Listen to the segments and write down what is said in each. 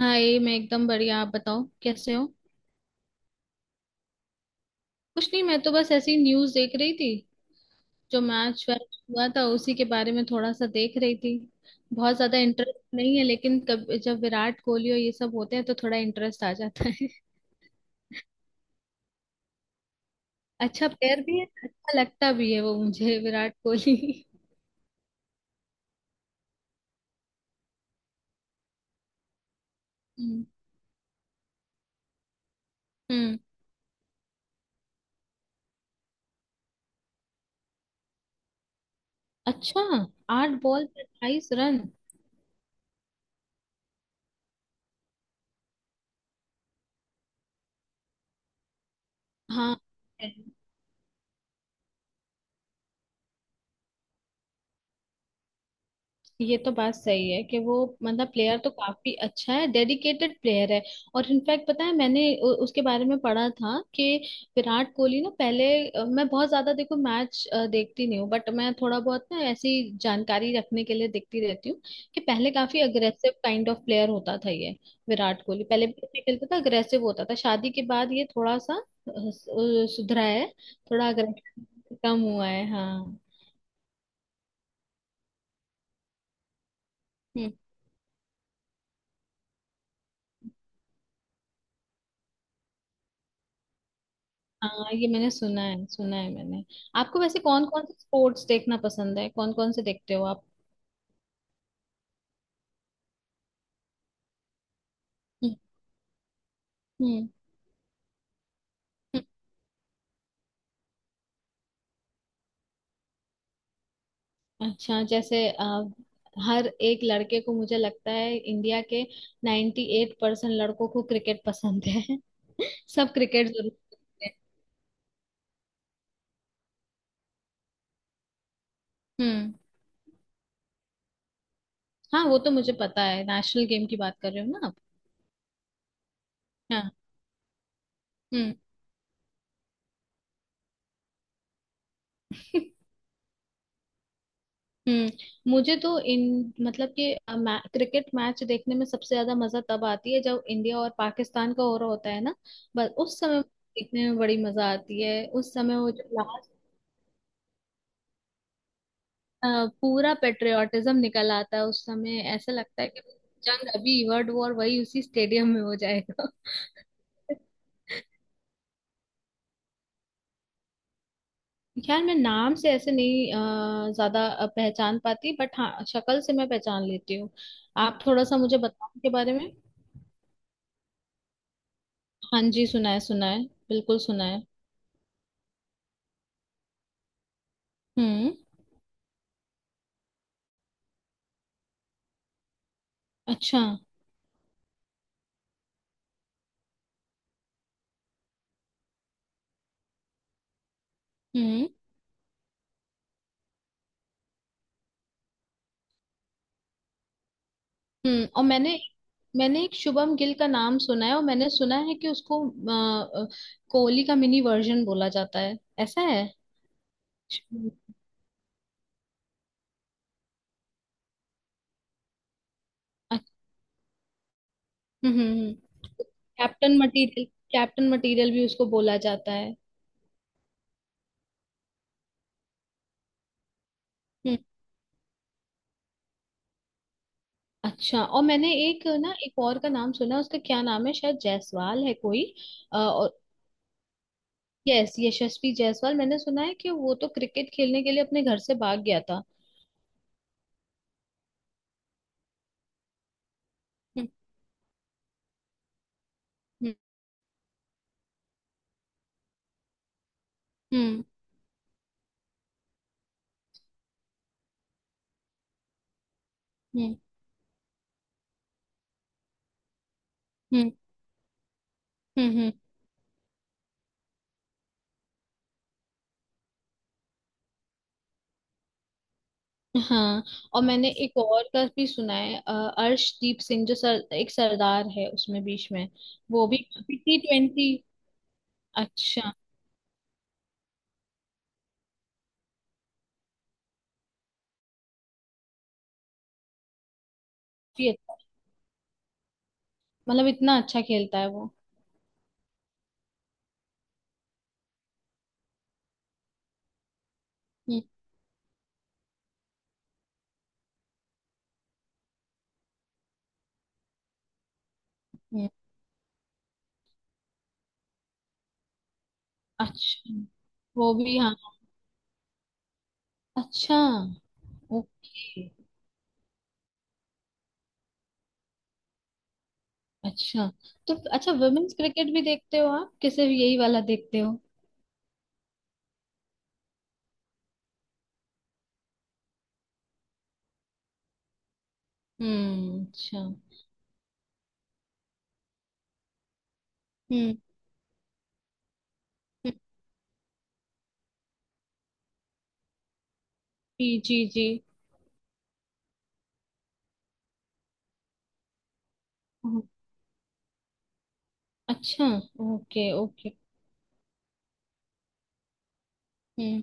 हाँ ये मैं एकदम बढ़िया। आप बताओ कैसे हो। कुछ नहीं, मैं तो बस ऐसी न्यूज देख रही थी। जो मैच वैच हुआ था उसी के बारे में थोड़ा सा देख रही थी। बहुत ज्यादा इंटरेस्ट नहीं है, लेकिन कब जब विराट कोहली और ये सब होते हैं तो थोड़ा इंटरेस्ट आ जाता है। अच्छा प्लेयर भी है, अच्छा लगता भी है वो मुझे, विराट कोहली। हम्म। हम्म। अच्छा, 8 बॉल पे 28 रन। हाँ ये तो बात सही है कि वो, मतलब प्लेयर तो काफी अच्छा है, डेडिकेटेड प्लेयर है। और इनफैक्ट पता है मैंने उसके बारे में पढ़ा था कि विराट कोहली ना पहले मैं बहुत ज्यादा देखो मैच देखती नहीं हूँ, बट मैं थोड़ा बहुत ना ऐसी जानकारी रखने के लिए देखती रहती हूँ कि पहले काफी अग्रेसिव काइंड ऑफ प्लेयर होता था ये विराट कोहली। पहले भी ऐसे खेलता था, अग्रेसिव होता था। शादी के बाद ये थोड़ा सा सुधरा है। थोड़ा अग्रेसिव कम हुआ है। हाँ। हाँ ये मैंने सुना है, सुना है मैंने। आपको वैसे कौन कौन से स्पोर्ट्स देखना पसंद है? कौन कौन से देखते हो आप? हम्म। हम्म, हम्म। अच्छा, जैसे हर एक लड़के को मुझे लगता है, इंडिया के 98% एट परसेंट लड़कों को क्रिकेट पसंद है। सब क्रिकेट जरूर खेलते हैं। हम्म। हाँ वो तो मुझे पता है, नेशनल गेम की बात कर रहे हो ना आप। हाँ। हम्म। हम्म, मुझे तो इन, मतलब कि क्रिकेट मैच देखने में सबसे ज्यादा मजा तब आती है जब इंडिया और पाकिस्तान का हो रहा होता है ना। बस उस समय देखने में बड़ी मजा आती है उस समय, वो जो लास्ट पूरा पेट्रियोटिज्म निकल आता है उस समय, ऐसा लगता है कि जंग, अभी वर्ल्ड वॉर वही उसी स्टेडियम में हो जाएगा। यार मैं नाम से ऐसे नहीं ज्यादा पहचान पाती, बट हाँ शक्ल से मैं पहचान लेती हूँ। आप थोड़ा सा मुझे बताओ के बारे में। हाँ जी, सुना है, सुना है। बिल्कुल सुना है। हम्म। अच्छा। हम्म। हम्म। और मैंने मैंने एक शुभम गिल का नाम सुना है, और मैंने सुना है कि उसको कोहली का मिनी वर्जन बोला जाता है। ऐसा है? शुभम- अ- हम्म। हम्म, कैप्टन मटेरियल। कैप्टन मटेरियल भी उसको बोला जाता है। हम्म। अच्छा, और मैंने एक ना एक और का नाम सुना, उसका क्या नाम है, शायद जायसवाल है कोई, और यस यशस्वी जायसवाल। मैंने सुना है कि वो तो क्रिकेट खेलने के लिए अपने घर से भाग गया था। हम्म। हम्म। हम्म। हम्म। हम्म। हाँ और मैंने एक और का भी सुना है, अर्शदीप सिंह, जो सर, एक सरदार है उसमें बीच में। वो भी टी ट्वेंटी। अच्छा। काफी अच्छा, मतलब इतना अच्छा खेलता है वो। हम्म। हम्म। अच्छा, वो भी। हाँ। अच्छा, ओके। अच्छा, तो अच्छा वुमेन्स क्रिकेट भी देखते हो आप, कि सिर्फ यही वाला देखते हो? हम्म। अच्छा। हम्म, हम्म, जी जी जी। हम्म। अच्छा, ओके ओके। हम्म,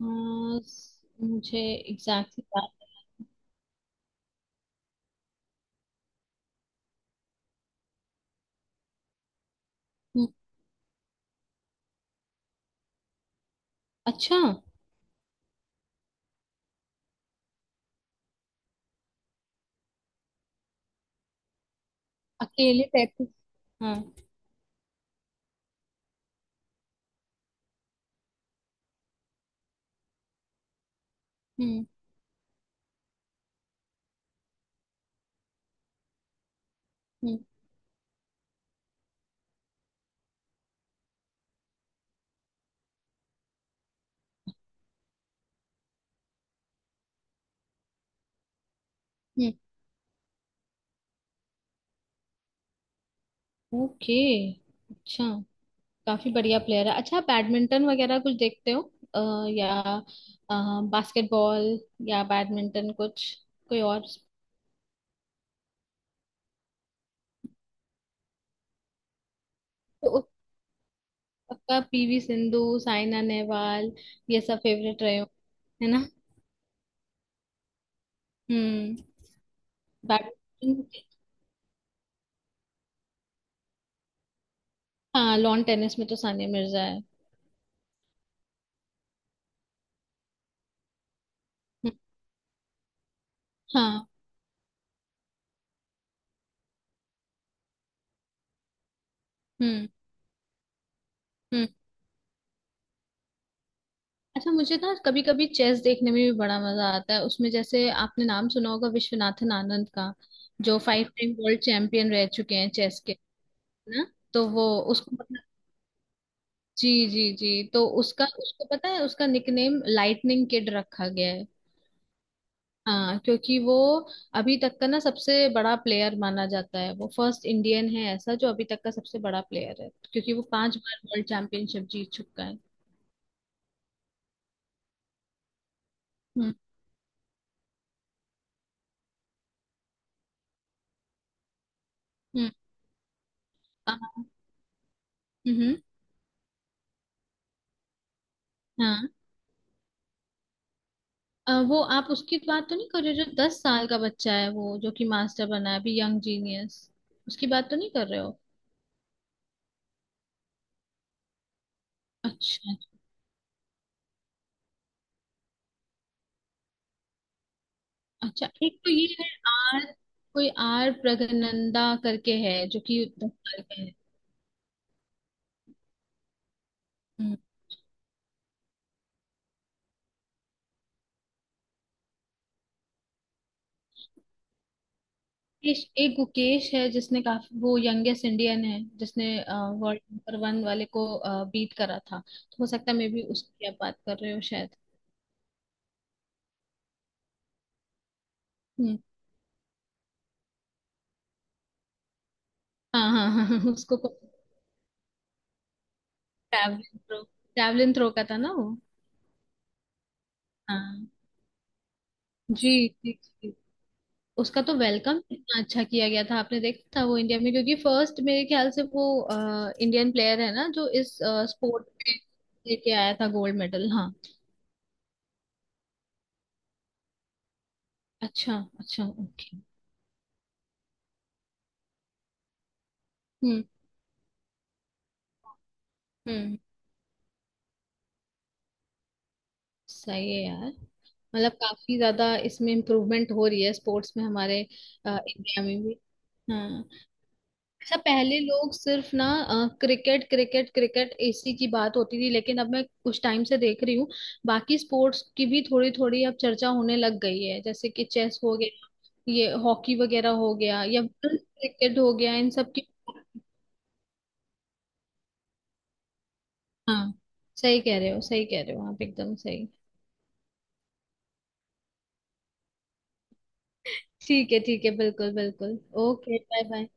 मुझे एग्जैक्टली याद है। हम्म। अच्छा, अकेले 33। हाँ। हम्म। हम्म। हम्म। ओके। अच्छा, काफी बढ़िया प्लेयर है। अच्छा, बैडमिंटन वगैरह कुछ देखते हो? या बास्केटबॉल, या बैडमिंटन कुछ? कोई और? तो आपका पीवी सिंधु, साइना नेहवाल, ये सब फेवरेट रहे हो, है ना? हम्म। बैडमिंटन। हाँ, लॉन टेनिस में तो सानिया मिर्जा है। हम्म। हाँ। हम्म। हम्म। अच्छा, मुझे ना कभी कभी चेस देखने में भी बड़ा मजा आता है, उसमें जैसे आपने नाम सुना होगा विश्वनाथन आनंद का, जो 5 टाइम वर्ल्ड चैंपियन रह चुके हैं चेस के, है ना? तो वो, उसको पता, जी जी जी। तो उसका, उसको पता है उसका निकनेम लाइटनिंग किड रखा गया है। हाँ, क्योंकि वो अभी तक का ना सबसे बड़ा प्लेयर माना जाता है, वो फर्स्ट इंडियन है ऐसा, जो अभी तक का सबसे बड़ा प्लेयर है, क्योंकि वो पांच बार वर्ल्ड चैंपियनशिप जीत चुका है। हम्म। हम्म। हाँ। हम्म। हाँ, वो आप उसकी बात तो नहीं कर रहे हो, जो 10 साल का बच्चा है, वो जो कि मास्टर बना है अभी, यंग जीनियस? उसकी बात तो नहीं कर रहे हो? अच्छा, अच्छा। एक तो ये है, आर, कोई आर प्रगनंदा करके है जो कि 10 साल का है। हम्म। एक गुकेश है जिसने काफी, वो यंगेस्ट इंडियन है जिसने वर्ल्ड नंबर वन वाले को बीट करा था, तो हो सकता है मे बी उसकी आप बात कर रहे हो शायद। हम्म। हाँ हाँ हाँ हाँ, उसको ट्रैवलिंग थ्रो, ट्रैवलिंग थ्रो का था ना वो? हाँ। जी जी जी। उसका तो वेलकम इतना अच्छा किया गया था, आपने देखा था वो इंडिया में, क्योंकि फर्स्ट मेरे ख्याल से वो इंडियन प्लेयर है ना, जो इस स्पोर्ट में लेके आया था गोल्ड मेडल। हाँ। अच्छा, अच्छा, ओके। हम्म। हम्म। सही है यार। मतलब काफी ज्यादा इसमें इम्प्रूवमेंट हो रही है स्पोर्ट्स में हमारे, इंडिया में भी। हाँ। अच्छा, पहले लोग सिर्फ ना क्रिकेट क्रिकेट क्रिकेट इसी की बात होती थी, लेकिन अब मैं कुछ टाइम से देख रही हूँ बाकी स्पोर्ट्स की भी थोड़ी थोड़ी अब चर्चा होने लग गई है, जैसे कि चेस हो गया, ये हॉकी वगैरह हो गया, या क्रिकेट हो गया, इन सब की। हाँ, सही कह रहे हो, सही कह रहे हो आप, एकदम सही। ठीक है ठीक है, बिल्कुल बिल्कुल। Okay, bye bye.